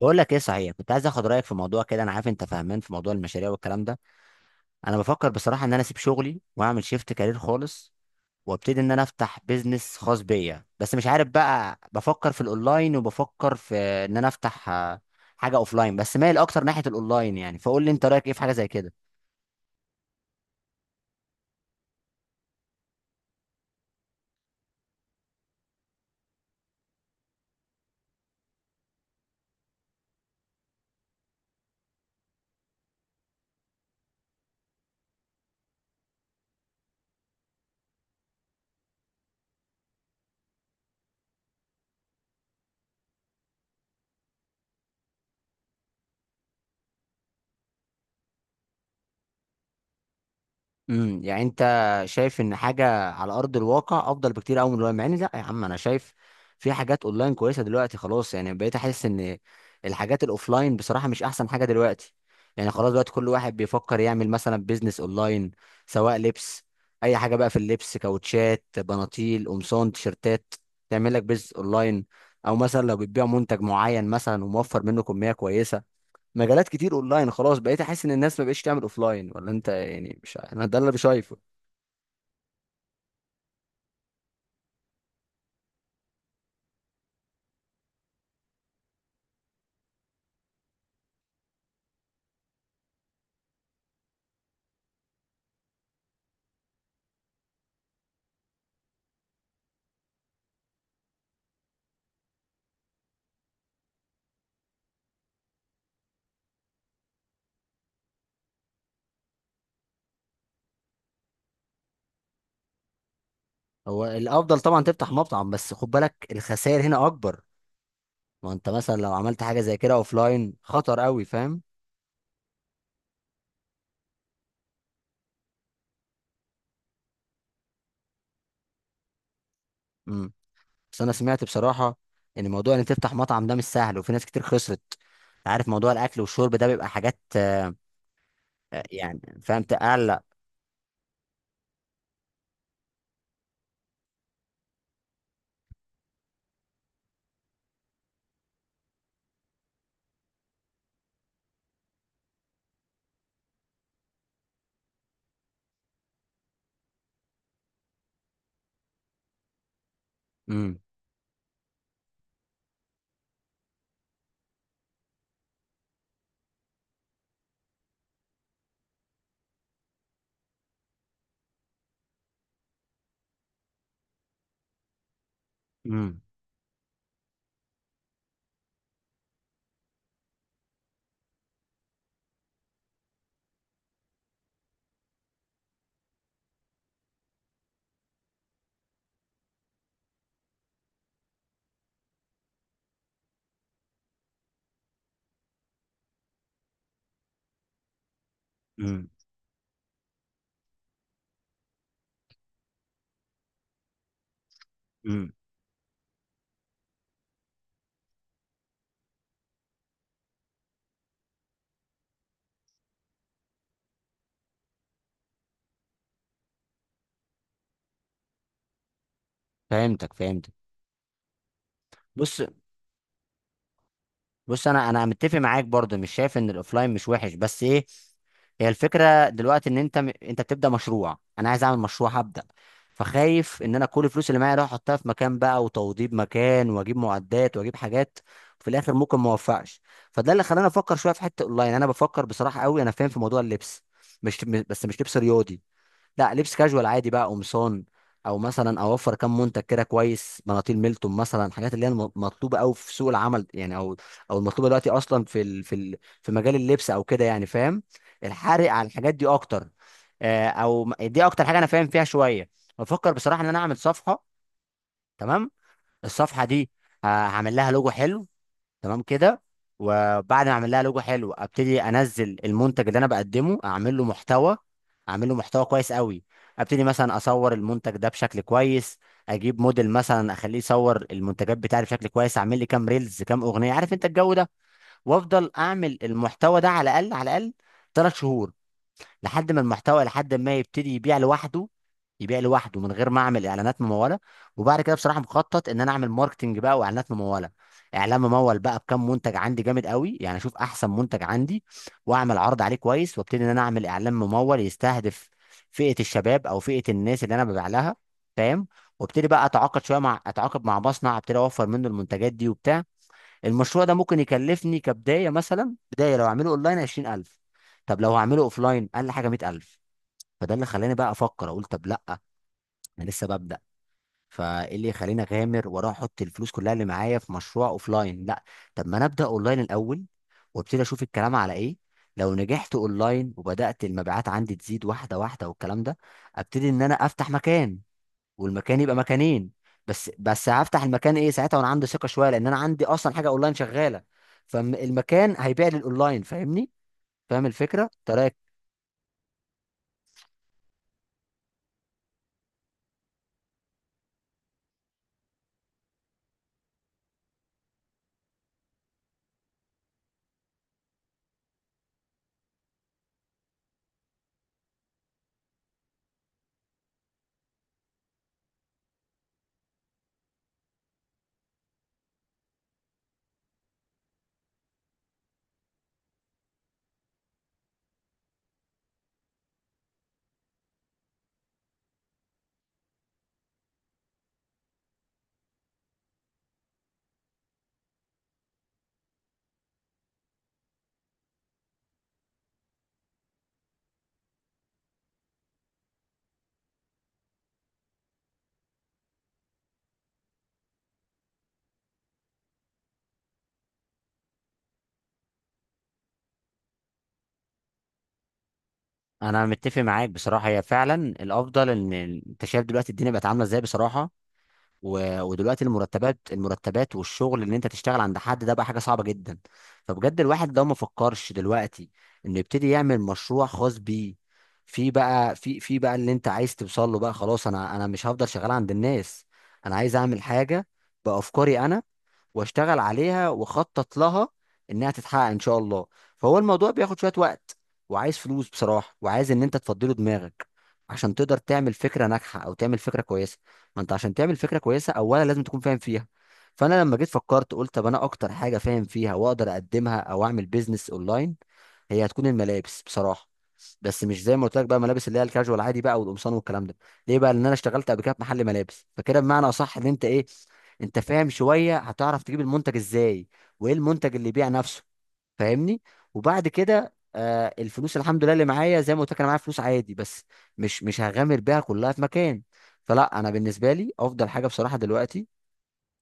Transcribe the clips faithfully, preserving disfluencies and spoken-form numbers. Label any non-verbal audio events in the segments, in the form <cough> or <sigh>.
بقول لك ايه صحيح، كنت عايز اخد رايك في موضوع كده. انا عارف انت فاهمان في موضوع المشاريع والكلام ده. انا بفكر بصراحه ان انا اسيب شغلي واعمل شيفت كارير خالص، وابتدي ان انا افتح بيزنس خاص بيا. بس مش عارف بقى، بفكر في الاونلاين وبفكر في ان انا افتح آه، حاجه اوفلاين. بس مايل اكتر ناحيه الاونلاين، يعني فقول لي انت رايك ايه في حاجه زي كده. امم يعني انت شايف ان حاجه على ارض الواقع افضل بكتير قوي من الواقع؟ مع ان لا يا عم، انا شايف في حاجات اونلاين كويسه دلوقتي. خلاص يعني بقيت احس ان الحاجات الاوفلاين بصراحه مش احسن حاجه دلوقتي. يعني خلاص دلوقتي كل واحد بيفكر يعمل مثلا بيزنس اونلاين، سواء لبس، اي حاجه بقى. في اللبس كاوتشات، بناطيل، قمصان، تيشرتات، تعمل لك بيزنس اونلاين. او مثلا لو بتبيع منتج معين مثلا وموفر منه كميه كويسه، مجالات كتير اونلاين. خلاص بقيت احس ان الناس ما بقتش تعمل اوفلاين، ولا انت؟ يعني مش ع- انا ده اللي شايفه. هو الافضل طبعا تفتح مطعم، بس خد بالك الخسائر هنا اكبر. ما انت مثلا لو عملت حاجه زي كده اوفلاين خطر قوي، فاهم؟ امم بس انا سمعت بصراحه ان موضوع ان تفتح مطعم ده مش سهل، وفي ناس كتير خسرت. أنت عارف موضوع الاكل والشرب ده بيبقى حاجات، آه، يعني فهمت؟ اقلق. امم. امم. امم. امم. فهمتك فهمتك. بص بص، انا انا متفق معاك برضه، مش شايف ان الاوفلاين مش وحش. بس ايه، هي الفكره دلوقتي ان انت م- انت بتبدا مشروع. انا عايز اعمل مشروع، هبدا، فخايف ان انا كل الفلوس اللي معايا اروح احطها في مكان بقى وتوضيب مكان واجيب معدات واجيب حاجات، في الاخر ممكن ما اوفقش. فده اللي خلاني افكر شويه في حته اونلاين. انا بفكر بصراحه قوي، انا فاهم في موضوع اللبس. مش م- بس مش لبس رياضي، لا، لبس كاجوال عادي بقى، قمصان، او مثلا اوفر كم منتج كده كويس، مناطيل، ميلتون مثلا، الحاجات اللي هي الم- مطلوبه قوي في سوق العمل يعني. او او المطلوبه دلوقتي اصلا في ال في ال في مجال اللبس او كده، يعني فاهم؟ الحرق على الحاجات دي اكتر. آه، او م- دي اكتر حاجه انا فاهم فيها شويه. بفكر بصراحه ان انا اعمل صفحه. تمام؟ الصفحه دي، آه، هعمل لها لوجو حلو. تمام كده؟ وبعد ما اعمل لها لوجو حلو، ابتدي انزل المنتج اللي انا بقدمه، اعمل له محتوى، اعمل له محتوى كويس قوي. ابتدي مثلا اصور المنتج ده بشكل كويس، اجيب موديل مثلا، اخليه يصور المنتجات بتاعي بشكل كويس، اعمل لي كام ريلز، كام اغنيه، عارف انت الجو ده. وافضل اعمل المحتوى ده على الاقل على الاقل ثلاث شهور، لحد ما المحتوى لحد ما يبتدي يبيع لوحده، يبيع لوحده من غير ما اعمل اعلانات مموله. وبعد كده بصراحه مخطط ان انا اعمل ماركتنج بقى واعلانات مموله. اعلان ممول بقى بكم منتج عندي جامد قوي، يعني اشوف احسن منتج عندي واعمل عرض عليه كويس، وابتدي ان انا اعمل اعلان ممول يستهدف فئه الشباب، او فئه الناس اللي انا ببيع لها، فاهم؟ وابتدي بقى اتعاقد شويه مع اتعاقد مع مصنع، ابتدي اوفر منه المنتجات دي وبتاع. المشروع ده ممكن يكلفني كبداية، مثلا بداية لو هعمله اونلاين عشرين الف. طب لو هعمله اوفلاين اقل حاجة مئة الف. فده اللي خلاني بقى افكر، اقول طب لا، انا لسه ببدأ، فايه اللي يخليني اغامر واروح احط الفلوس كلها اللي معايا في مشروع اوفلاين؟ لا، طب ما انا ابدأ اونلاين الاول وابتدي اشوف الكلام على ايه. لو نجحت اونلاين وبدأت المبيعات عندي تزيد واحدة واحدة والكلام ده، ابتدي ان انا افتح مكان، والمكان يبقى مكانين. بس بس هفتح المكان ايه ساعتها وانا عندي ثقه شويه، لان انا عندي اصلا حاجه اونلاين شغاله. فالمكان هيبيع للاونلاين، فاهمني؟ فاهم الفكره طريقه؟ انا متفق معاك بصراحه، هي فعلا الافضل. ان انت شايف دلوقتي الدنيا بقت عامله ازاي بصراحه، و... ودلوقتي المرتبات المرتبات والشغل اللي انت تشتغل عند حد ده بقى حاجه صعبه جدا. فبجد الواحد لو ما فكرش دلوقتي انه يبتدي يعمل مشروع خاص بيه في بقى في في بقى اللي انت عايز توصل له بقى، خلاص. انا انا مش هفضل شغال عند الناس، انا عايز اعمل حاجه بافكاري انا، واشتغل عليها واخطط لها انها تتحقق ان شاء الله. فهو الموضوع بياخد شوية وقت، وعايز فلوس بصراحة، وعايز ان انت تفضله دماغك عشان تقدر تعمل فكرة ناجحة، او تعمل فكرة كويسة. ما انت عشان تعمل فكرة كويسة اولا لازم تكون فاهم فيها. فانا لما جيت فكرت قلت طب انا اكتر حاجة فاهم فيها واقدر اقدمها او اعمل بيزنس اونلاين هي هتكون الملابس بصراحة. بس مش زي ما قلت لك بقى، ملابس اللي هي الكاجوال عادي بقى، والقمصان والكلام ده. ليه بقى؟ لان انا اشتغلت قبل كده في محل ملابس، فكده بمعنى اصح ان انت ايه، انت فاهم شويه، هتعرف تجيب المنتج ازاي، وايه المنتج اللي يبيع نفسه، فاهمني؟ وبعد كده آه الفلوس الحمد لله اللي معايا، زي ما قلت لك انا معايا فلوس عادي، بس مش مش هغامر بيها كلها في مكان. فلا، انا بالنسبه لي افضل حاجه بصراحه دلوقتي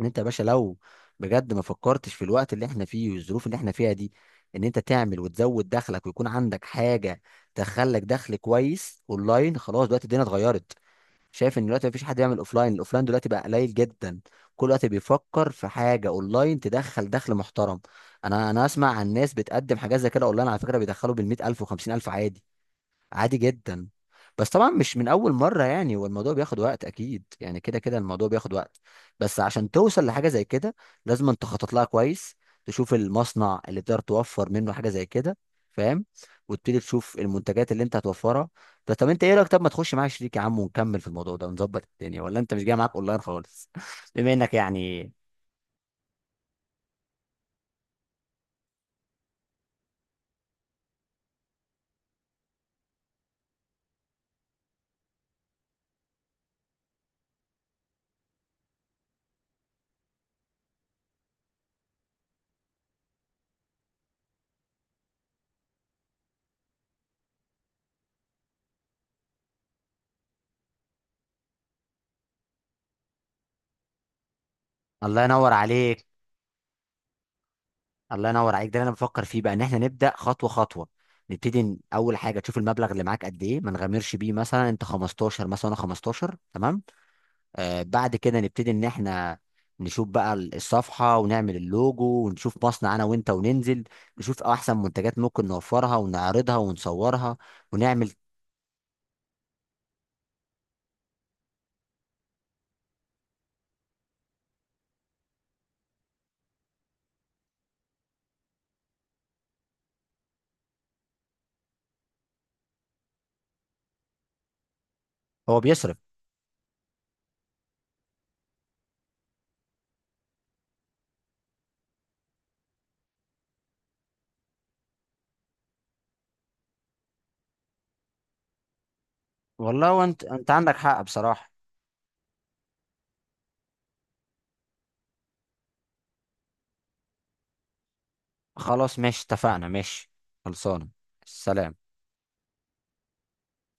ان انت يا باشا لو بجد ما فكرتش في الوقت اللي احنا فيه والظروف اللي احنا فيها دي، ان انت تعمل وتزود دخلك ويكون عندك حاجه تخلك دخل كويس اونلاين. خلاص دلوقتي الدنيا اتغيرت. شايف ان دلوقتي مفيش حد يعمل اوفلاين، الاوفلاين دلوقتي بقى قليل جدا. كل وقت بيفكر في حاجه اونلاين تدخل دخل محترم. انا انا اسمع عن ناس بتقدم حاجات زي كده اونلاين، على فكره بيدخلوا بال مئة الف و خمسين الف عادي، عادي جدا. بس طبعا مش من اول مره، يعني هو الموضوع بياخد وقت اكيد، يعني كده كده الموضوع بياخد وقت. بس عشان توصل لحاجه زي كده، لازم انت تخطط لها كويس، تشوف المصنع اللي تقدر توفر منه حاجه زي كده، فاهم؟ وتبتدي تشوف المنتجات اللي انت هتوفرها. طب طب انت ايه رايك، طب ما تخش معايا شريك يا عم ونكمل في الموضوع ده ونظبط الدنيا؟ ولا انت مش جاي معاك اونلاين خالص؟ <laughs> بما انك يعني. الله ينور عليك. الله ينور عليك، ده اللي انا بفكر فيه بقى، ان احنا نبدا خطوه خطوه. نبتدي ن- اول حاجه تشوف المبلغ اللي معاك قد ايه، ما نغامرش بيه. مثلا انت خمستاشر، مثلا انا خمستاشر، تمام؟ آه بعد كده نبتدي ان احنا نشوف بقى ال- الصفحه، ونعمل اللوجو، ونشوف مصنع انا وانت، وننزل نشوف احسن منتجات ممكن نوفرها ونعرضها ونصورها ونعمل. هو بيصرف. والله وانت، انت عندك حق بصراحه. خلاص ماشي، اتفقنا، ماشي. خلصانه. سلام.